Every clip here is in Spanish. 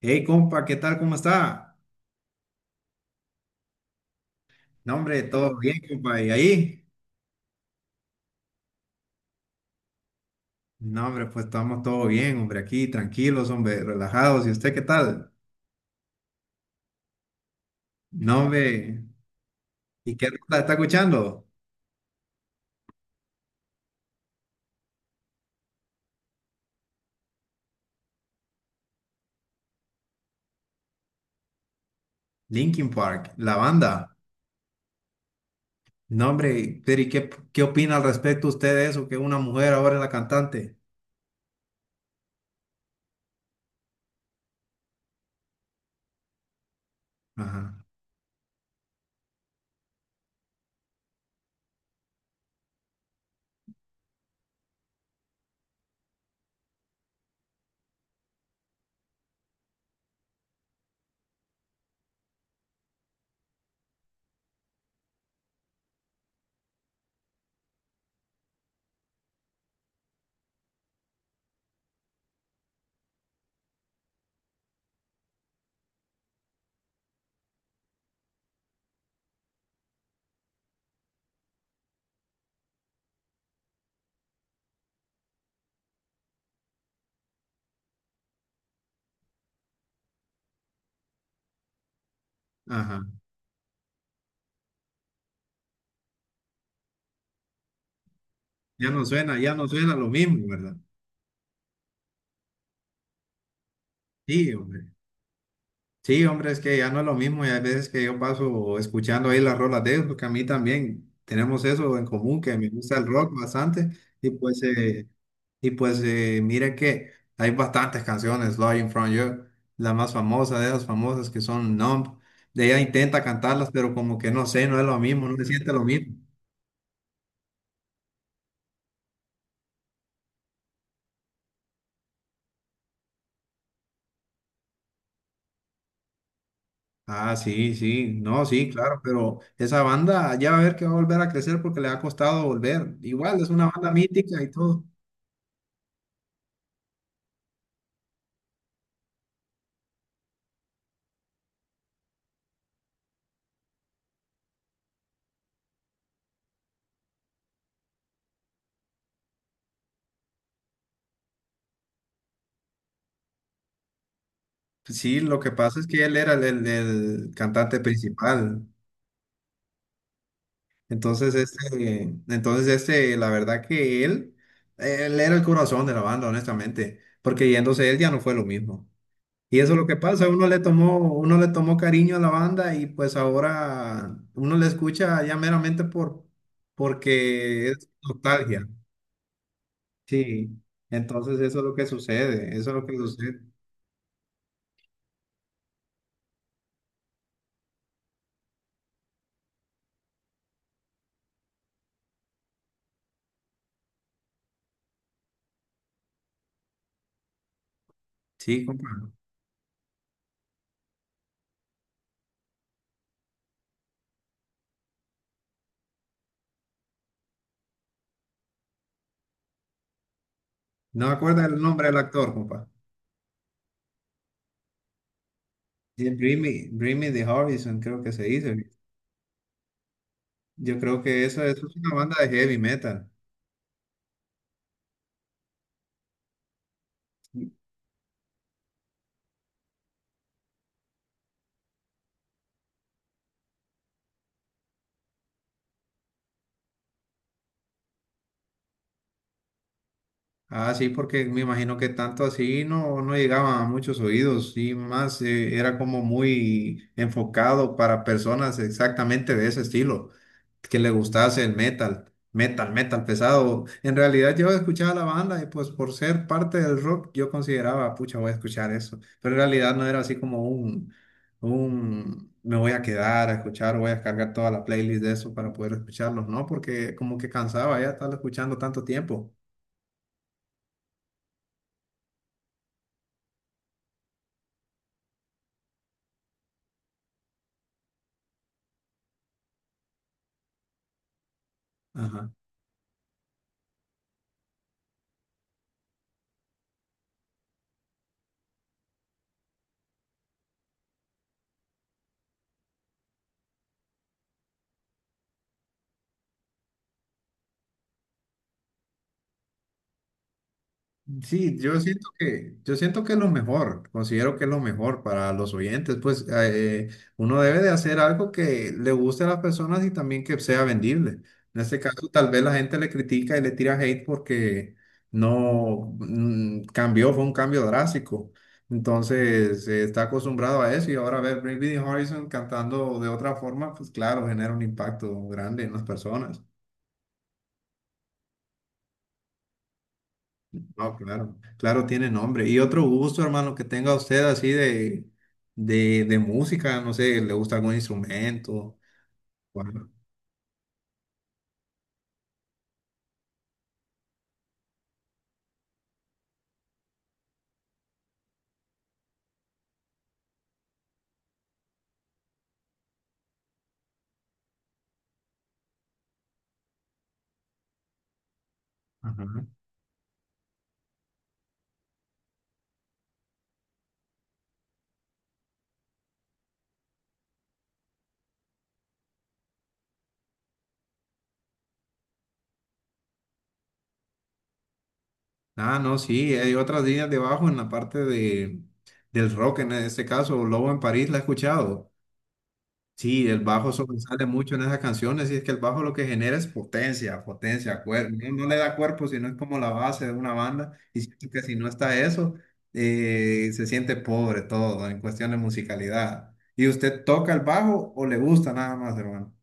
Hey, compa, ¿qué tal? ¿Cómo está? No, hombre, todo bien, compa. ¿Y ahí? No, hombre, pues estamos todo bien, hombre, aquí tranquilos, hombre, relajados. ¿Y usted qué tal? No, hombre, ¿y qué rola está escuchando? Linkin Park, la banda. No, hombre, pero ¿y qué, qué opina al respecto usted de eso? Que una mujer ahora es la cantante. Ajá, ajá. Ya no suena lo mismo, ¿verdad? Sí, hombre. Sí, hombre, es que ya no es lo mismo y hay veces que yo paso escuchando ahí las rolas de ellos, porque a mí también tenemos eso en común, que me gusta el rock bastante y mire que hay bastantes canciones, Lying From You, la más famosa de esas famosas que son Numb, ella intenta cantarlas, pero como que no sé, no es lo mismo, no se siente lo mismo. Ah, sí, sí, no, sí, claro, pero esa banda ya va a ver que va a volver a crecer porque le ha costado volver. Igual es una banda mítica y todo. Sí, lo que pasa es que él era el cantante principal. Entonces, la verdad que él era el corazón de la banda, honestamente, porque yéndose él ya no fue lo mismo. Y eso es lo que pasa, uno le tomó cariño a la banda y pues ahora uno le escucha ya meramente porque es nostalgia. Sí, entonces eso es lo que sucede, eso es lo que sucede. Sí, compa. No me acuerdo el nombre del actor, compa. Sí, Bring Me the Horizon, creo que se dice. Yo creo que eso es una banda de heavy metal. Ah, sí, porque me imagino que tanto así no, no llegaba a muchos oídos y más era como muy enfocado para personas exactamente de ese estilo, que le gustase el metal, metal, metal pesado. En realidad yo escuchaba la banda y pues por ser parte del rock yo consideraba, pucha, voy a escuchar eso, pero en realidad no era así como me voy a quedar a escuchar, voy a descargar toda la playlist de eso para poder escucharlos, ¿no? Porque como que cansaba ya estar escuchando tanto tiempo. Ajá. Sí, yo siento que es lo mejor, considero que es lo mejor para los oyentes, pues uno debe de hacer algo que le guste a las personas y también que sea vendible. En este caso, tal vez la gente le critica y le tira hate porque no mm, cambió, fue un cambio drástico. Entonces, está acostumbrado a eso y ahora ver Bring Me the Horizon cantando de otra forma, pues claro, genera un impacto grande en las personas. No, claro, claro, tiene nombre. Y otro gusto, hermano, que tenga usted así de música, no sé, le gusta algún instrumento. O ajá. Ah, no, sí, hay otras líneas debajo en la parte del rock, en este caso, Lobo en París, ¿la he escuchado? Sí, el bajo sobresale mucho en esas canciones y es que el bajo lo que genera es potencia, potencia, cuerpo. No, no le da cuerpo, sino es como la base de una banda. Y siento que si no está eso, se siente pobre todo en cuestión de musicalidad. ¿Y usted toca el bajo o le gusta nada más, hermano?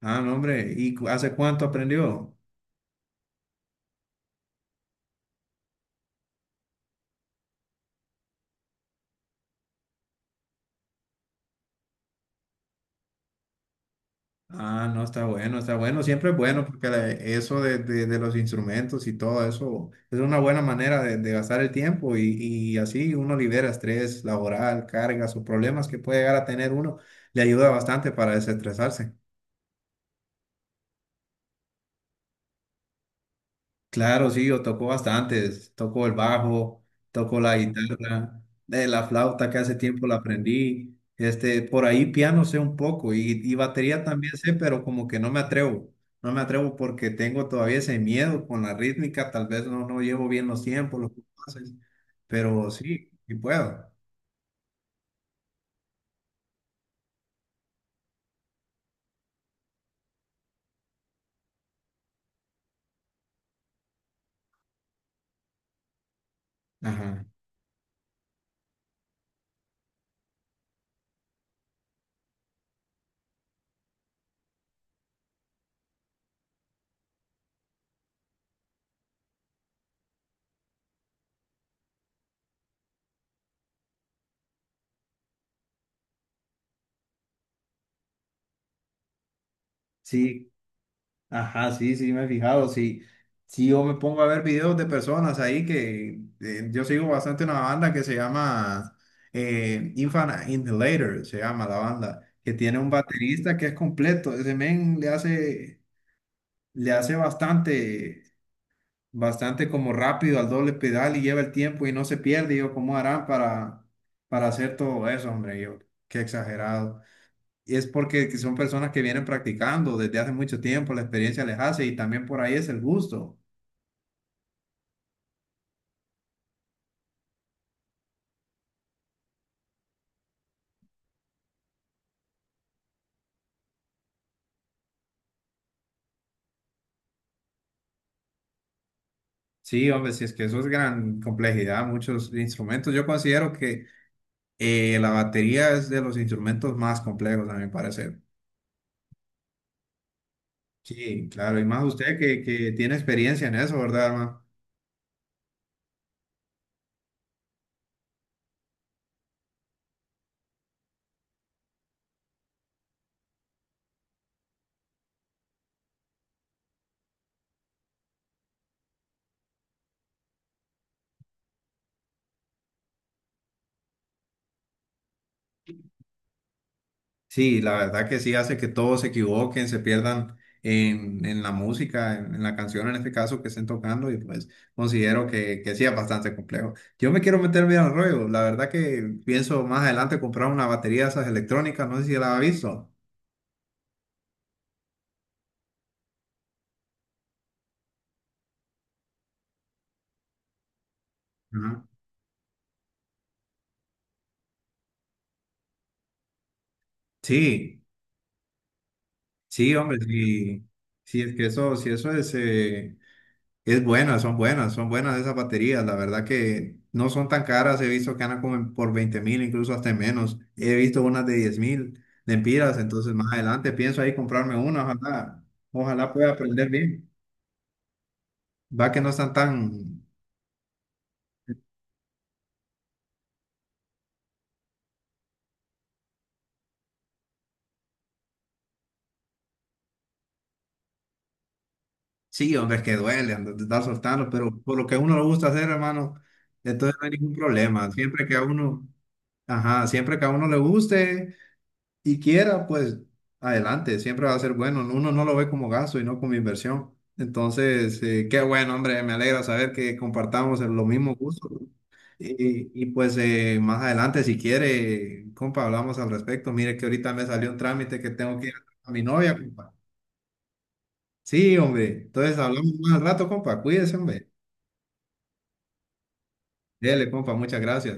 Ah, no, hombre. ¿Y hace cuánto aprendió? Ah, no, está bueno, está bueno. Siempre es bueno porque eso de los instrumentos y todo eso es una buena manera de gastar el tiempo y así uno libera estrés laboral, cargas o problemas que puede llegar a tener uno. Le ayuda bastante para desestresarse. Claro, sí, yo toco bastantes. Toco el bajo, toco la guitarra, la flauta que hace tiempo la aprendí. Este, por ahí piano sé un poco y batería también sé, pero como que no me atrevo. No me atrevo porque tengo todavía ese miedo con la rítmica. Tal vez no llevo bien los tiempos, los compases, pero sí, sí puedo. Ajá. Sí. Ajá, sí, sí, me he fijado. Sí, sí, yo me pongo a ver videos de personas ahí que yo sigo bastante una banda que se llama Infinite Inhaler, se llama la banda, que tiene un baterista que es completo. Ese men le hace bastante como rápido al doble pedal y lleva el tiempo y no se pierde. Yo, ¿cómo harán para hacer todo eso, hombre? Yo, qué exagerado. Y es porque que son personas que vienen practicando desde hace mucho tiempo, la experiencia les hace y también por ahí es el gusto. Sí, hombre, si es que eso es gran complejidad, muchos instrumentos. Yo considero que la batería es de los instrumentos más complejos, a mi parecer. Sí, claro, y más usted que tiene experiencia en eso, ¿verdad, hermano? Sí, la verdad que sí hace que todos se equivoquen, se pierdan en la música, en la canción en este caso que estén tocando y pues considero que sí es bastante complejo. Yo me quiero meter bien al rollo, la verdad que pienso más adelante comprar una batería de esas electrónicas, no sé si la has visto. Ajá. Sí, sí, hombre, sí, sí, es que eso, sí, eso es... es buena, son buenas esas baterías. La verdad que no son tan caras. He visto que andan como por 20,000, incluso hasta menos. He visto unas de 10,000 lempiras. Entonces, más adelante pienso ahí comprarme una. Ojalá, ojalá pueda aprender bien. Va que no están tan. Sí, hombre, es que duele andar de estar soltando, pero por lo que a uno le gusta hacer, hermano, entonces no hay ningún problema. Siempre que a uno, ajá, siempre que a uno le guste. Y quiera, pues adelante, siempre va a ser bueno. ¿No? Uno no lo ve como gasto y no como inversión. Entonces, qué bueno, hombre, me alegra saber que compartamos los mismos gustos. Pues más adelante, si quiere, compa, hablamos al respecto. Mire que ahorita me salió un trámite que tengo que ir a mi novia, compa. Sí, hombre. Entonces hablamos más al rato, compa. Cuídese, hombre. Dele, compa. Muchas gracias.